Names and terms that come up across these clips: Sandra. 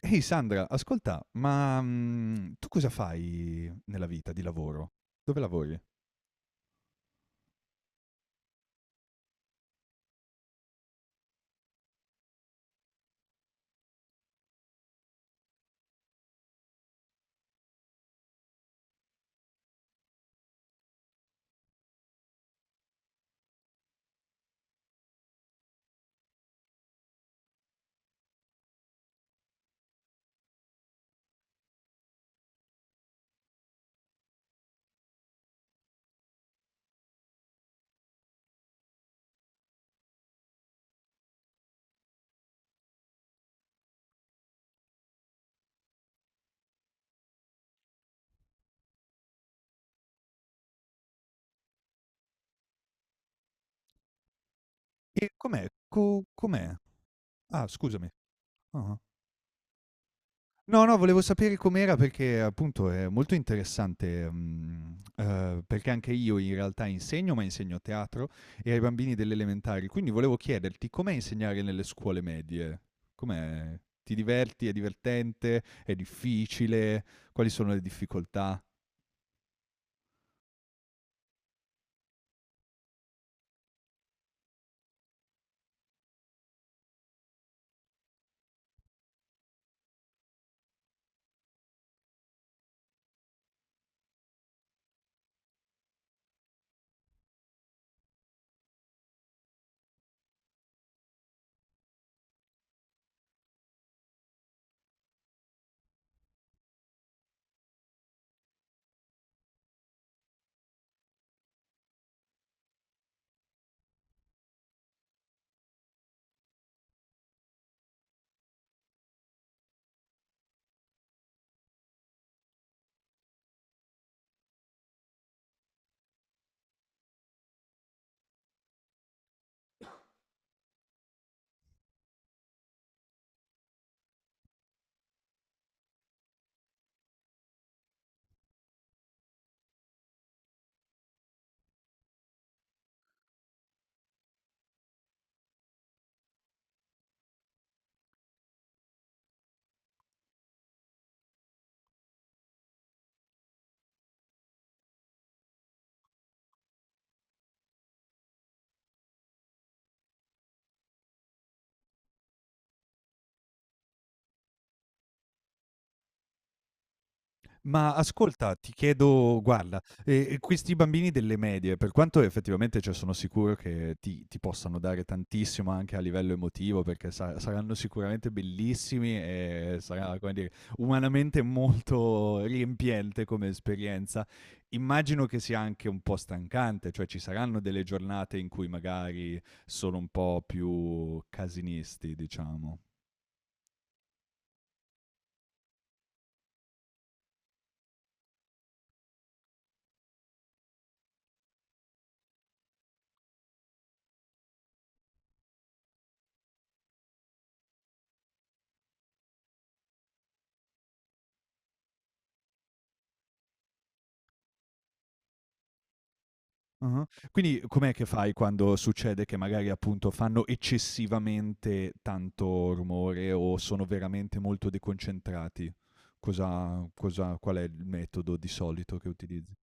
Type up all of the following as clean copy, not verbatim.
Ehi Sandra, ascolta, ma tu cosa fai nella vita di lavoro? Dove lavori? E com'è? Com'è? Ah, scusami. Ah. No, no, volevo sapere com'era perché appunto è molto interessante, perché anche io in realtà insegno, ma insegno teatro e ai bambini delle elementari, quindi volevo chiederti com'è insegnare nelle scuole medie? Com'è? Ti diverti? È divertente? È difficile? Quali sono le difficoltà? Ma ascolta, ti chiedo guarda, questi bambini delle medie, per quanto effettivamente, cioè, sono sicuro che ti possano dare tantissimo anche a livello emotivo, perché sa saranno sicuramente bellissimi e sarà, come dire, umanamente molto riempiente come esperienza. Immagino che sia anche un po' stancante, cioè ci saranno delle giornate in cui magari sono un po' più casinisti, diciamo. Ah-ah. Quindi com'è che fai quando succede che magari, appunto, fanno eccessivamente tanto rumore o sono veramente molto deconcentrati? Cosa cosa qual è il metodo di solito che utilizzi?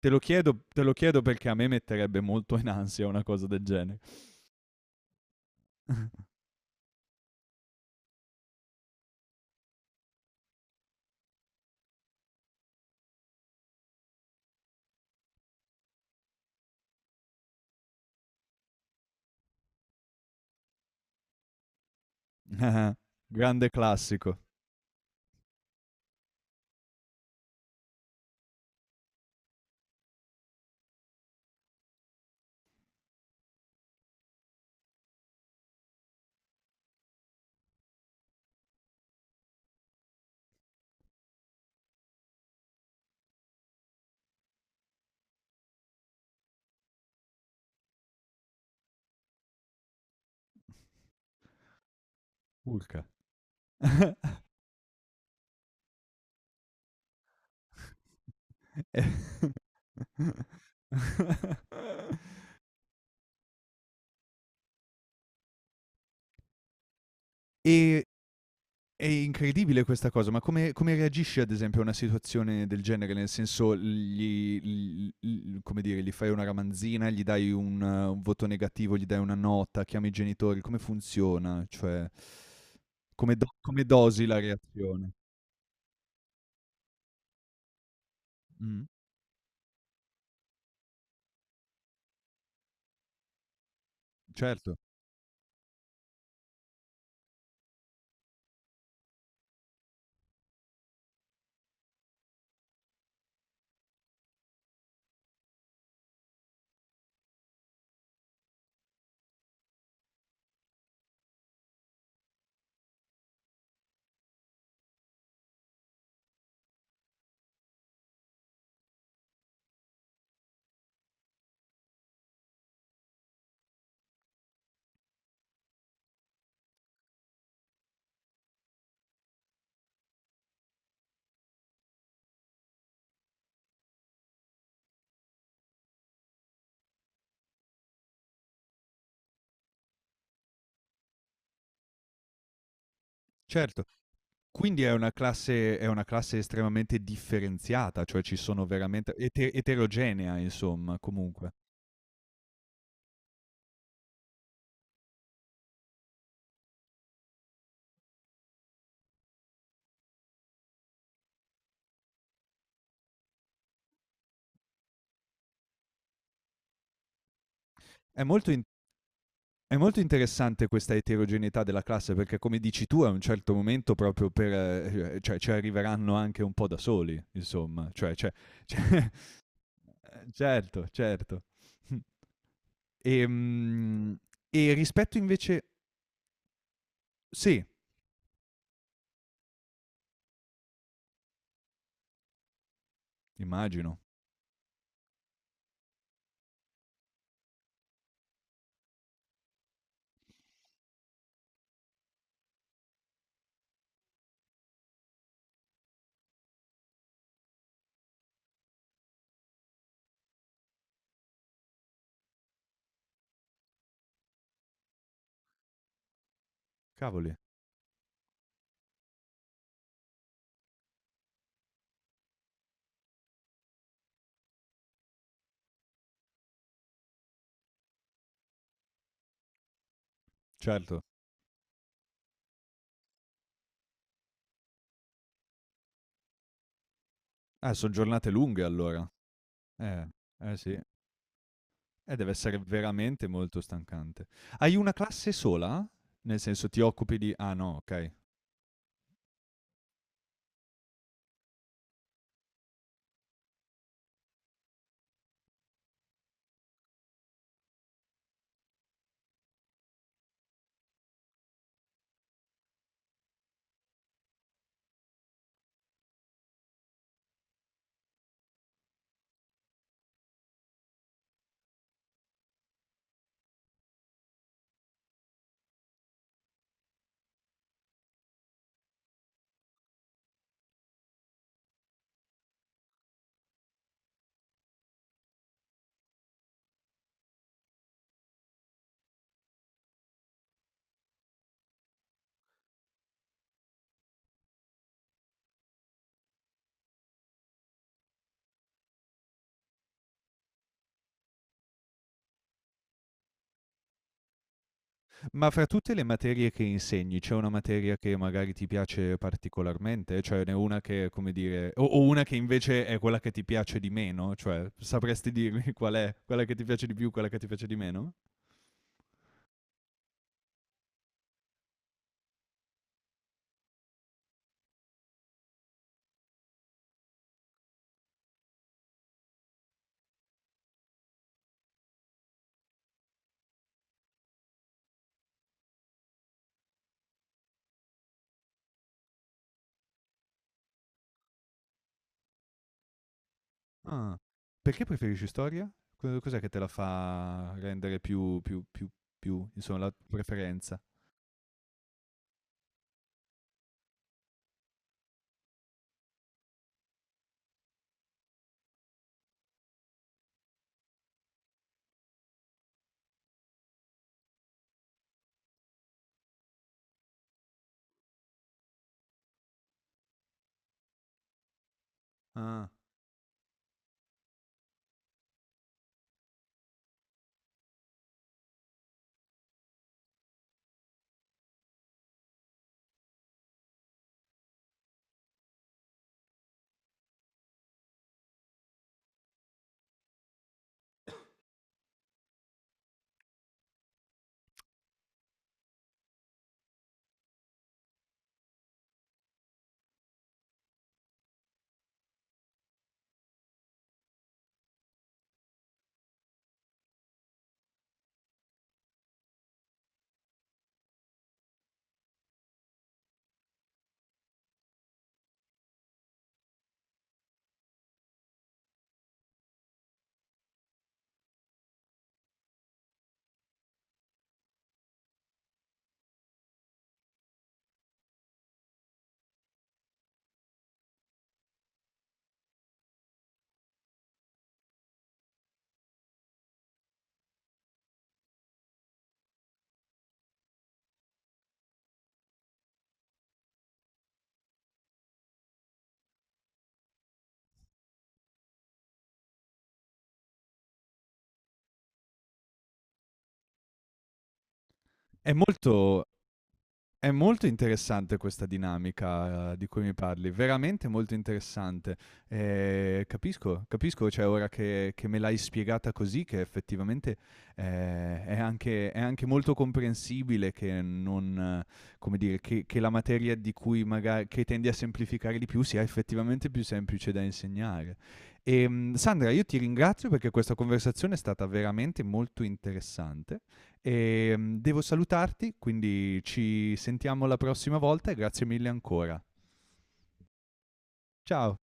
Te lo chiedo perché a me metterebbe molto in ansia una cosa del genere. Ah-ah. Grande classico. Urca. Eh. E È incredibile questa cosa, ma come reagisci ad esempio a una situazione del genere? Nel senso gli l l come dire, gli fai una ramanzina, gli dai un voto negativo, gli dai una nota, chiami i genitori, come funziona? Cioè, come dosi la reazione? Mh. Certo, certo. Quindi è una classe estremamente differenziata, cioè ci sono veramente eterogenea insomma, comunque. È molto in È molto interessante questa eterogeneità della classe perché come dici tu a un certo momento proprio per cioè ci arriveranno anche un po' da soli, insomma, cioè. Certo, certo. Mh. Ehm, e sì, immagino. Cavoli, certo. Son giornate lunghe allora. Eh, eh sì. Deve essere veramente molto stancante. Hai una classe sola? Nel senso ti occupi di ah no, okay. Ma fra tutte le materie che insegni, c'è una materia che magari ti piace particolarmente? Cioè ne una che, come dire o una che invece è quella che ti piace di meno? Cioè, sapresti dirmi qual è? Quella che ti piace di più, quella che ti piace di meno? Ah. Perché preferisci storia? Co Cos'è che te la fa rendere più insomma la preferenza? Ah. È molto È molto interessante questa dinamica, di cui mi parli, veramente molto interessante. Capisco, capisco, cioè ora che me l'hai spiegata così, che effettivamente, è anche molto comprensibile che non, come dire, che la materia di cui maga che tendi a semplificare di più sia effettivamente più semplice da insegnare. Sandra, io ti ringrazio perché questa conversazione è stata veramente molto interessante e devo salutarti, quindi ci sentiamo la prossima volta e grazie mille ancora. Ciao!